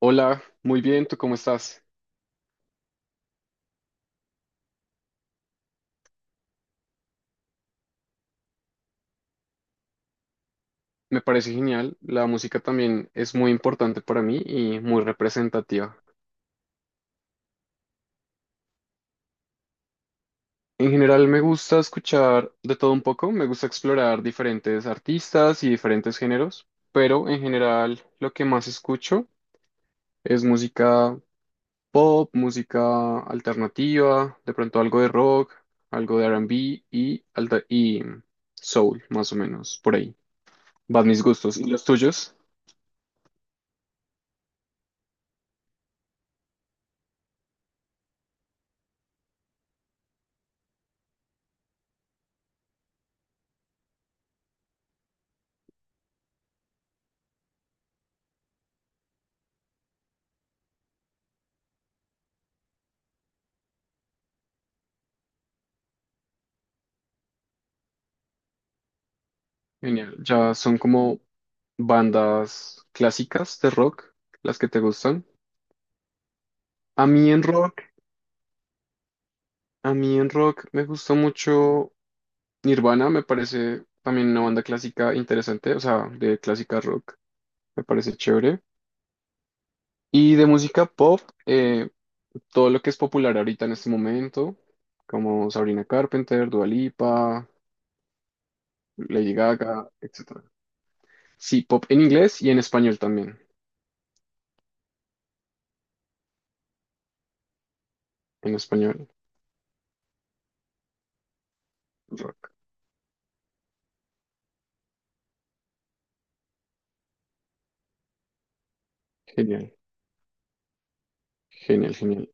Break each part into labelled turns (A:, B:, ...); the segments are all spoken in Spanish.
A: Hola, muy bien, ¿tú cómo estás? Me parece genial, la música también es muy importante para mí y muy representativa. En general me gusta escuchar de todo un poco, me gusta explorar diferentes artistas y diferentes géneros, pero en general lo que más escucho es música pop, música alternativa, de pronto algo de rock, algo de R&B y, y soul, más o menos, por ahí. Van mis gustos. ¿Y los tuyos? Genial. Ya son como bandas clásicas de rock las que te gustan. A mí en rock, a mí en rock me gustó mucho Nirvana, me parece también una banda clásica interesante, o sea, de clásica rock, me parece chévere. Y de música pop, eh, todo lo que es popular ahorita en este momento, como Sabrina Carpenter, Dua Lipa, Lady Gaga, etcétera. Sí, pop en inglés y en español también. En español, rock. Genial. Genial, genial.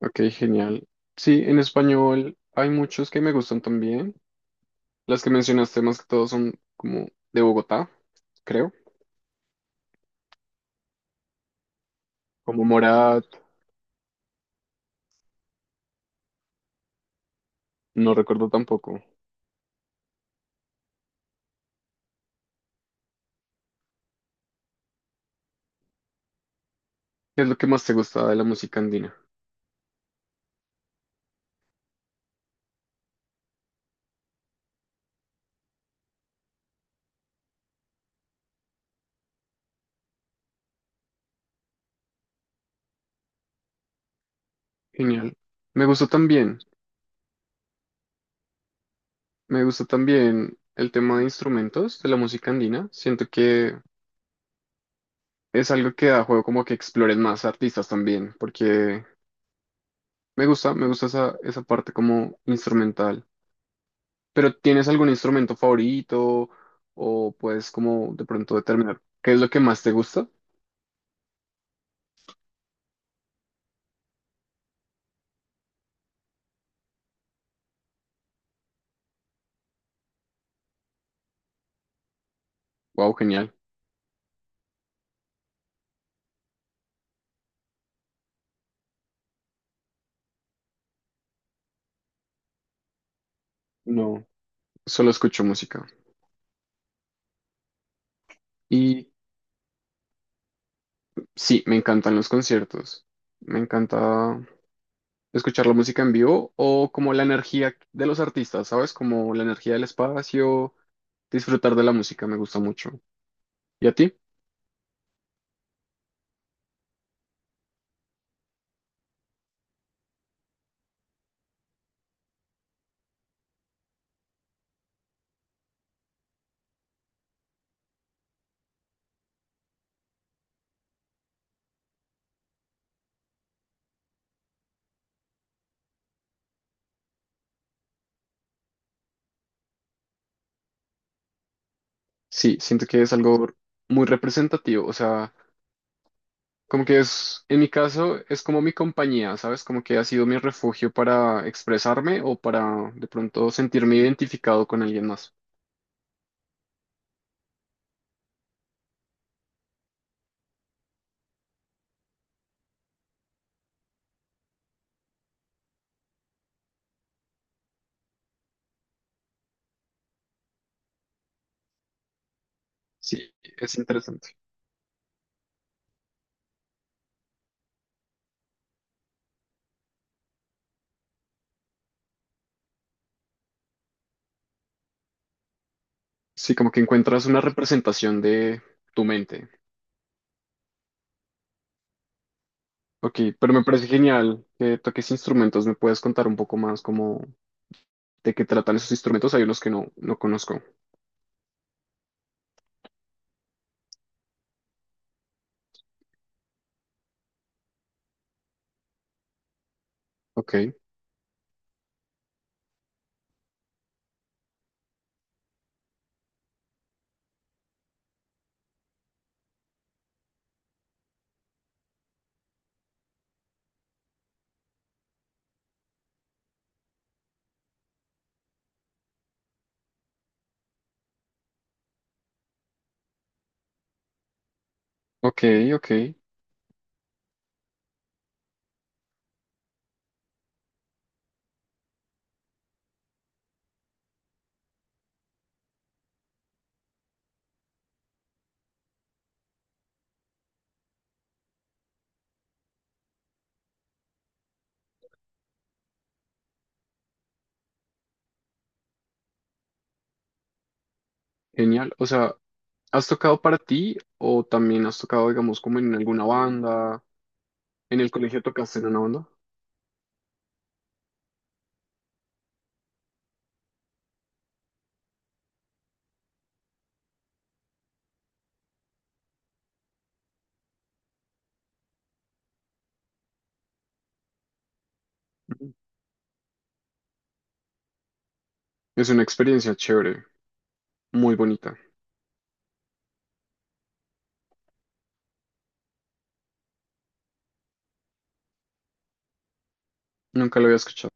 A: Ok, genial. Sí, en español hay muchos que me gustan también. Las que mencionaste más que todos son como de Bogotá, creo. Como Morat, no recuerdo tampoco. ¿Qué es lo que más te gusta de la música andina? Genial. Me gustó también, me gustó también el tema de instrumentos de la música andina. Siento que es algo que da juego como que exploren más artistas también, porque me gusta esa, esa parte como instrumental. ¿Pero tienes algún instrumento favorito o puedes como de pronto determinar qué es lo que más te gusta? Wow, genial. No, solo escucho música. Y sí, me encantan los conciertos. Me encanta escuchar la música en vivo o como la energía de los artistas, ¿sabes? Como la energía del espacio, disfrutar de la música me gusta mucho. ¿Y a ti? Sí, siento que es algo muy representativo. O sea, como que es, en mi caso, es como mi compañía, ¿sabes? Como que ha sido mi refugio para expresarme o para de pronto sentirme identificado con alguien más. Sí, es interesante. Sí, como que encuentras una representación de tu mente. Ok, pero me parece genial que toques instrumentos. ¿Me puedes contar un poco más como de qué tratan esos instrumentos? Hay unos que no conozco. Ok, ok, ok. Genial. O sea, ¿has tocado para ti o también has tocado, digamos, como en alguna banda? ¿En el colegio tocaste en una banda? Ujú. Es una experiencia chévere, muy bonita. Nunca lo había escuchado.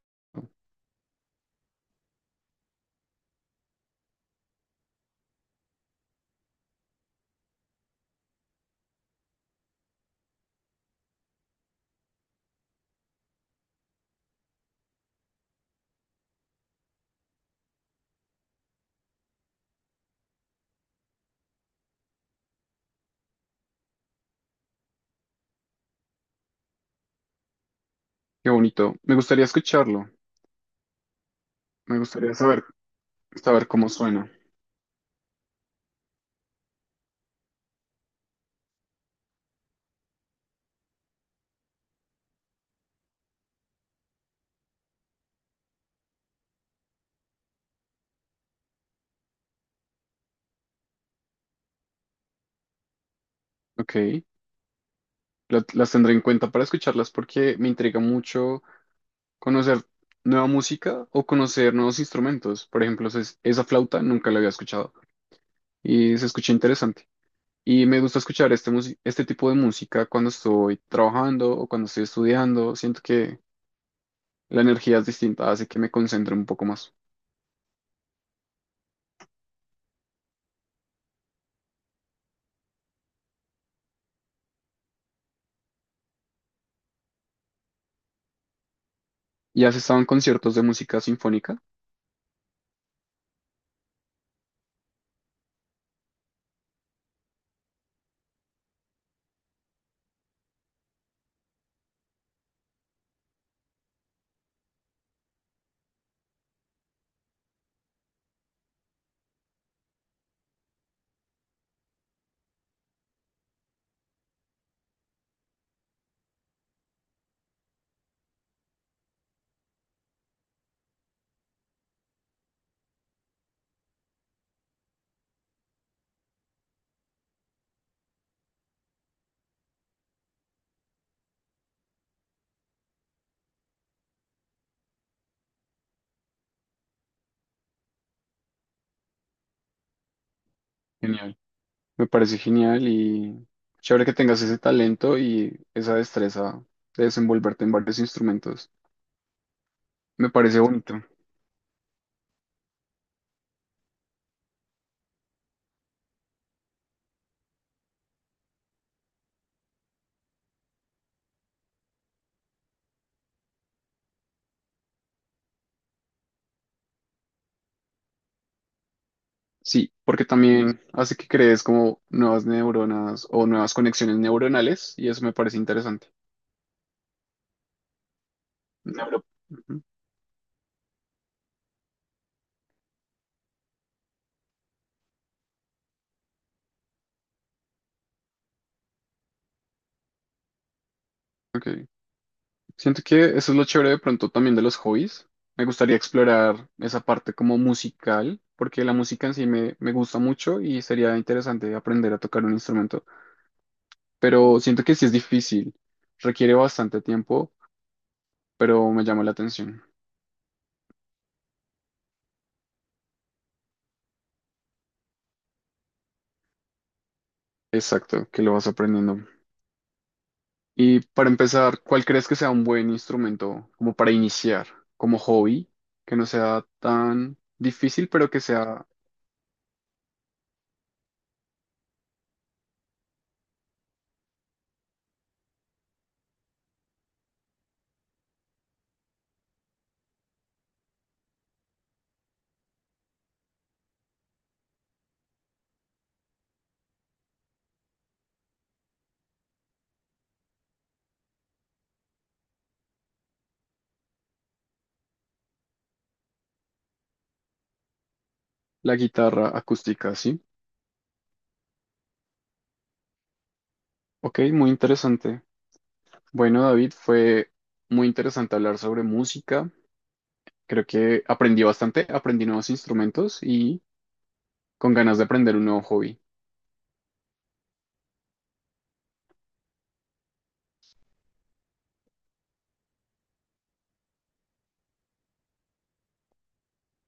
A: Qué bonito. Me gustaría escucharlo. Me gustaría saber cómo suena. Ok, la- las tendré en cuenta para escucharlas porque me intriga mucho conocer nueva música o conocer nuevos instrumentos. Por ejemplo, esa flauta nunca la había escuchado y se escucha interesante. Y me gusta escuchar este tipo de música cuando estoy trabajando o cuando estoy estudiando. Siento que la energía es distinta, hace que me concentre un poco más. ¿Y has estado en conciertos de música sinfónica? Genial. Me parece genial y chévere que tengas ese talento y esa destreza de desenvolverte en varios instrumentos. Me parece bonito. Sí, porque también hace que crees como nuevas neuronas o nuevas conexiones neuronales y eso me parece interesante. Neuro. Ujú. Ok. Siento que eso es lo chévere de pronto también de los hobbies. Me gustaría explorar esa parte como musical, porque la música en sí me gusta mucho y sería interesante aprender a tocar un instrumento. Pero siento que sí es difícil, requiere bastante tiempo, pero me llama la atención. Exacto, que lo vas aprendiendo. Y para empezar, ¿cuál crees que sea un buen instrumento como para iniciar, como hobby, que no sea tan difícil, pero que sea la guitarra acústica, ¿sí? Ok, muy interesante. Bueno, David, fue muy interesante hablar sobre música. Creo que aprendí bastante, aprendí nuevos instrumentos y con ganas de aprender un nuevo hobby.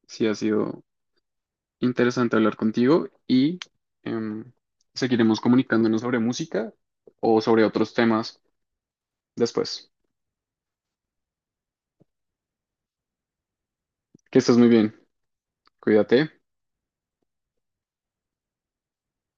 A: Sí, ha sido interesante hablar contigo y em, seguiremos comunicándonos sobre música o sobre otros temas después. Que estés muy bien, cuídate.